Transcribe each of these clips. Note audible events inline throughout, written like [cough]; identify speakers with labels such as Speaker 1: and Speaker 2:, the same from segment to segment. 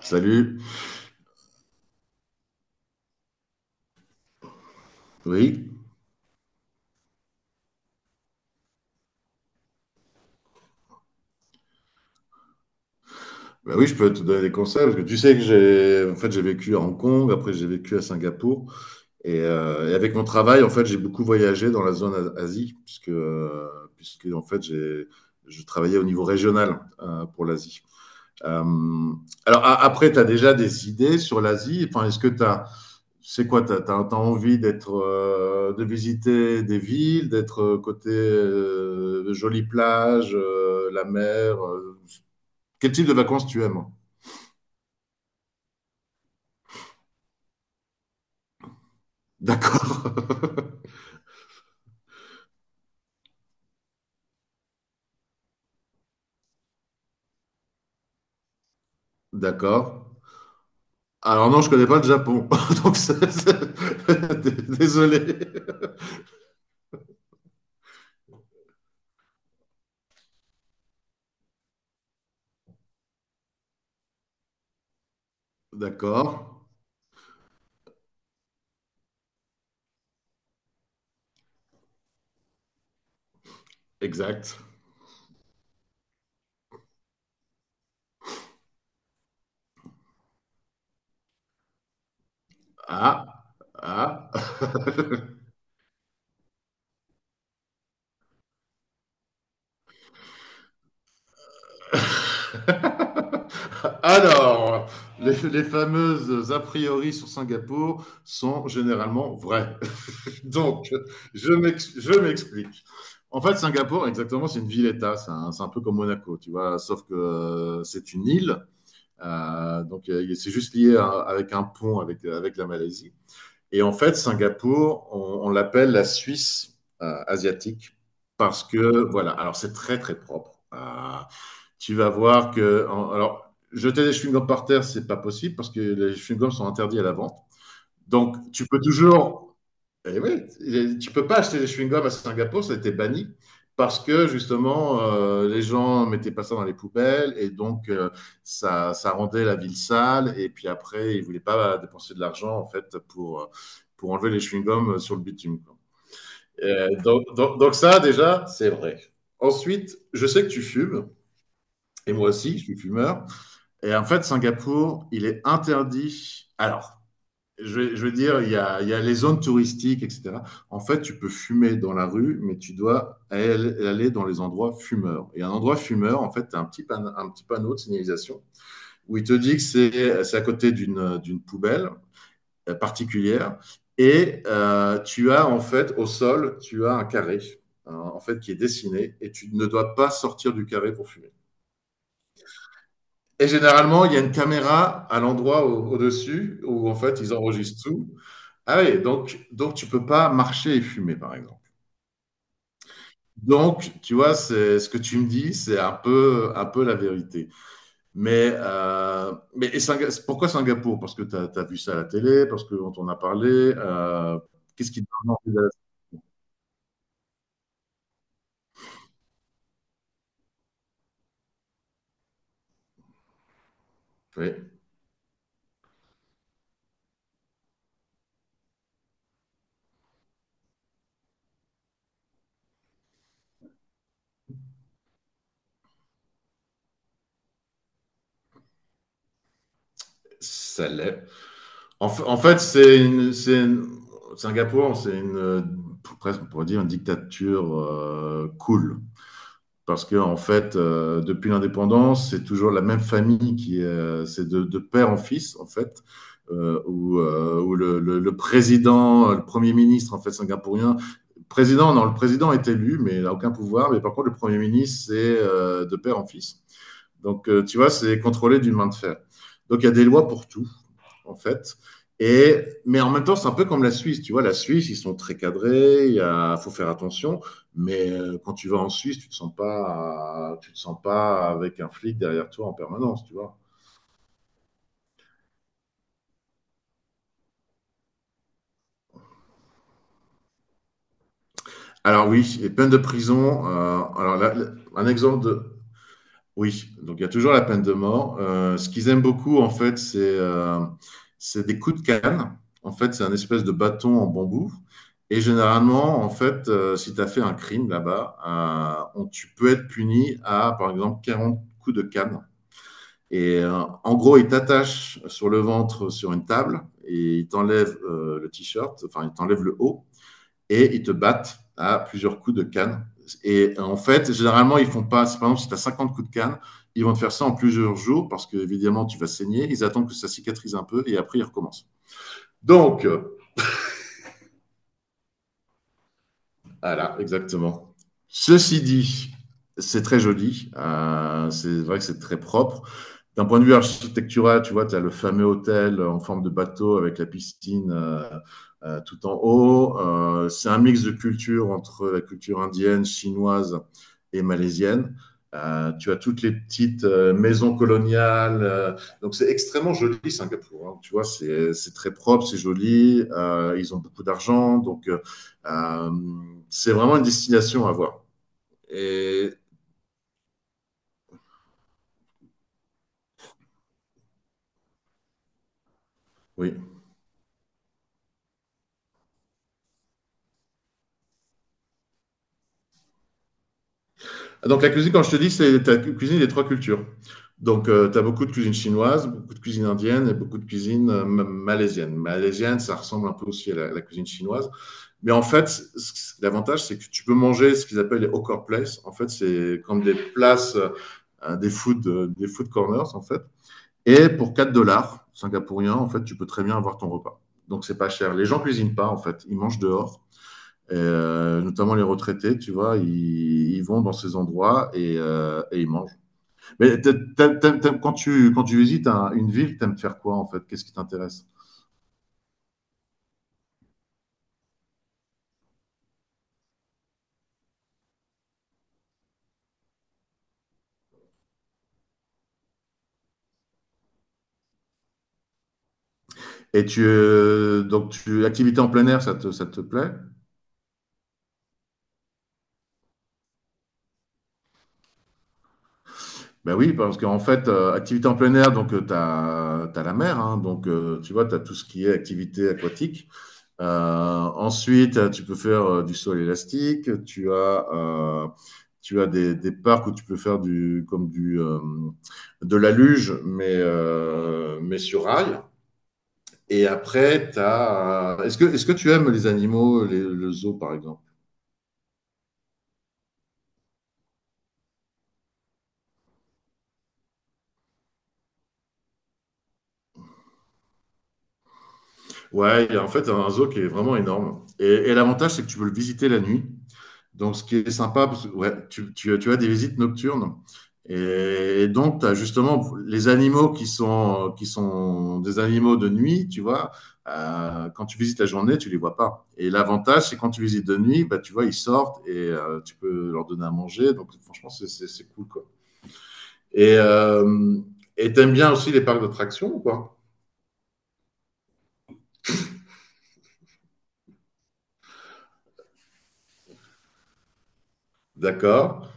Speaker 1: Salut. Oui. Bah oui, je peux te donner des conseils parce que tu sais que j'ai en fait j'ai vécu à Hong Kong, après j'ai vécu à Singapour et avec mon travail en fait j'ai beaucoup voyagé dans la zone Asie puisque en fait j'ai je travaillais au niveau régional pour l'Asie. Euh, alors après tu as déjà des idées sur l'Asie, enfin est-ce que tu as, c'est quoi, t'as envie d'être, de visiter des villes, d'être côté de jolies plages, la mer, quel type de vacances tu aimes? D'accord. [laughs] D'accord. Alors non, je connais pas le Japon. [laughs] Donc [laughs] désolé. D'accord. Exact. Ah. Ah. [laughs] Alors, les fameuses a priori sur Singapour sont généralement vraies. [laughs] Donc, je m'explique. En fait, Singapour, exactement, c'est une ville-État. C'est un peu comme Monaco, tu vois, sauf que c'est une île. C'est juste lié avec un pont avec, avec la Malaisie. Et en fait, Singapour, on l'appelle la Suisse asiatique parce que, voilà, alors c'est très propre. Tu vas voir que, alors, jeter des chewing-gums par terre, c'est pas possible parce que les chewing-gums sont interdits à la vente. Donc, tu peux toujours et oui, tu peux pas acheter des chewing-gums à Singapour, ça a été banni parce que justement les gens mettaient pas ça dans les poubelles et donc ça rendait la ville sale et puis après ils voulaient pas dépenser de l'argent en fait pour enlever les chewing-gums sur le bitume, quoi. Donc ça déjà c'est vrai. Ensuite, je sais que tu fumes et moi aussi je suis fumeur et en fait Singapour il est interdit. Alors je veux dire, il y a les zones touristiques, etc. En fait, tu peux fumer dans la rue, mais tu dois aller dans les endroits fumeurs. Et un endroit fumeur, en fait, tu as un un petit panneau de signalisation où il te dit que c'est à côté d'une poubelle particulière. Et tu as, en fait, au sol, tu as un carré, en fait, qui est dessiné, et tu ne dois pas sortir du carré pour fumer. Et généralement, il y a une caméra à l'endroit au-dessus où en fait ils enregistrent tout. Ah oui, donc, tu peux pas marcher et fumer, par exemple. Donc, tu vois, c'est ce que tu me dis, c'est un peu la vérité. Mais et pourquoi Singapour? Parce que tu as vu ça à la télé, parce qu'on t'en a parlé. euh, Qu'est-ce qui te donne envie d'aller? Oui, ça l'est. En, fa- en fait, c'est une- Singapour, c'est une, presque, on pourrait dire, une dictature cool, parce que en fait, depuis l'indépendance, c'est toujours la même famille qui est, c'est de père en fils en fait, où le président, le premier ministre en fait singapourien, président non, le président est élu mais il n'a aucun pouvoir, mais par contre le premier ministre c'est de père en fils. Donc tu vois, c'est contrôlé d'une main de fer. Donc il y a des lois pour tout en fait. Et, mais en même temps, c'est un peu comme la Suisse. Tu vois, la Suisse, ils sont très cadrés, faut faire attention. Mais quand tu vas en Suisse, tu te sens pas avec un flic derrière toi en permanence, tu vois. Alors oui, les peines de prison. Alors là, un exemple de, Oui, donc il y a toujours la peine de mort. Ce qu'ils aiment beaucoup, en fait, c'est des coups de canne. En fait, c'est un espèce de bâton en bambou. Et généralement, en fait, si tu as fait un crime là-bas, tu peux être puni à, par exemple, 40 coups de canne. Et en gros, ils t'attachent sur le ventre sur une table et ils t'enlèvent le t-shirt, enfin, ils t'enlèvent le haut et ils te battent à plusieurs coups de canne. Et en fait, généralement, ils font pas, par exemple, si tu as 50 coups de canne, ils vont te faire ça en plusieurs jours parce que, évidemment, tu vas saigner. Ils attendent que ça cicatrise un peu et après, ils recommencent. Donc, euh, voilà, exactement. Ceci dit, c'est très joli. C'est vrai que c'est très propre, d'un point de vue architectural, tu vois, tu as le fameux hôtel en forme de bateau avec la piscine tout en haut. C'est un mix de cultures entre la culture indienne, chinoise et malaisienne. Tu as toutes les petites maisons coloniales. Donc, c'est extrêmement joli, Singapour. Hein, tu vois, c'est très propre, c'est joli. Ils ont beaucoup d'argent. Euh, c'est vraiment une destination à voir. Et oui. Donc, la cuisine, quand je te dis, c'est la cuisine des trois cultures. Donc, tu as beaucoup de cuisine chinoise, beaucoup de cuisine indienne et beaucoup de cuisine malaisienne. Malaisienne, ça ressemble un peu aussi à la cuisine chinoise. Mais en fait, l'avantage, c'est que tu peux manger ce qu'ils appellent les hawker places. En fait, c'est comme des places, des food corners, en fait. Et pour 4 dollars singapouriens, en fait, tu peux très bien avoir ton repas. Donc, c'est pas cher. Les gens cuisinent pas, en fait. Ils mangent dehors. Et, notamment les retraités, tu vois, ils vont dans ces endroits et ils mangent. Mais quand tu visites une ville, t'aimes faire quoi en fait? Qu'est-ce qui t'intéresse? Et activité en plein air, ça ça te plaît? Ben oui, parce qu'en fait, activité en plein air, donc tu as la mer, hein, donc tu vois, tu as tout ce qui est activité aquatique. Ensuite, tu peux faire du sol élastique. Tu as des parcs où tu peux faire de la luge, mais sur rail. Et après, est-ce que, est-ce que tu aimes les animaux, le zoo par exemple? Ouais, il y a en fait un zoo qui est vraiment énorme. Et l'avantage, c'est que tu peux le visiter la nuit. Donc, ce qui est sympa, parce que, ouais, tu as des visites nocturnes. Et donc, tu as justement les animaux qui sont des animaux de nuit, tu vois. Quand tu visites la journée, tu les vois pas. Et l'avantage, c'est quand tu visites de nuit, bah, tu vois, ils sortent et tu peux leur donner à manger. Donc, franchement, c'est cool, quoi. Et euh, et t'aimes bien aussi les parcs d'attractions, quoi? D'accord.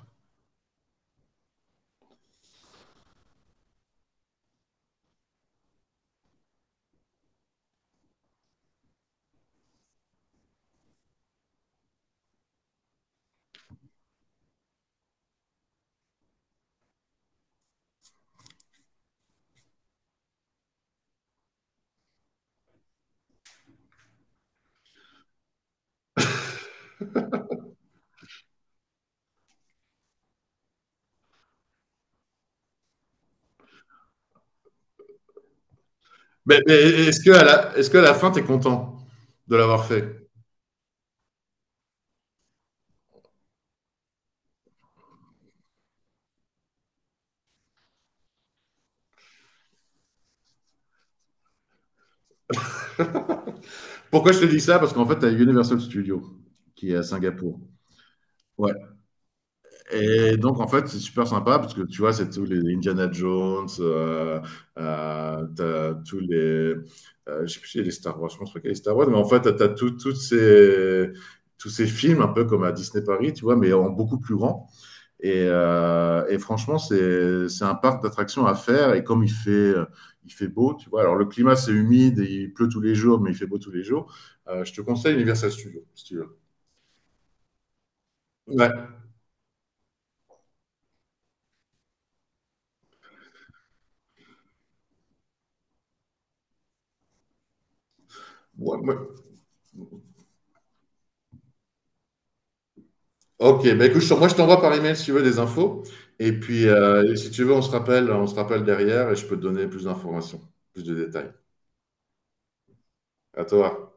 Speaker 1: Est-ce que à la fin, tu es content de l'avoir fait? Pourquoi je te dis ça? Parce qu'en fait, tu as Universal Studios qui est à Singapour. Ouais. Et donc, en fait, c'est super sympa parce que tu vois, c'est tous les Indiana Jones, t'as tous les. Je sais plus si c'est les Star Wars, je pense pas qu'il y a les Star Wars, mais en fait, toutes ces, tous ces films, un peu comme à Disney Paris, tu vois, mais en beaucoup plus grand. Et franchement, c'est un parc d'attractions à faire. Et comme il fait beau, tu vois, alors le climat c'est humide, et il pleut tous les jours, mais il fait beau tous les jours, je te conseille Universal Studios, si tu veux. Ouais. Ouais, ouais. Ok, bah écoute, moi je t'envoie par email si tu veux des infos. Et puis, et si tu veux, on se rappelle derrière et je peux te donner plus d'informations, plus de détails. À toi.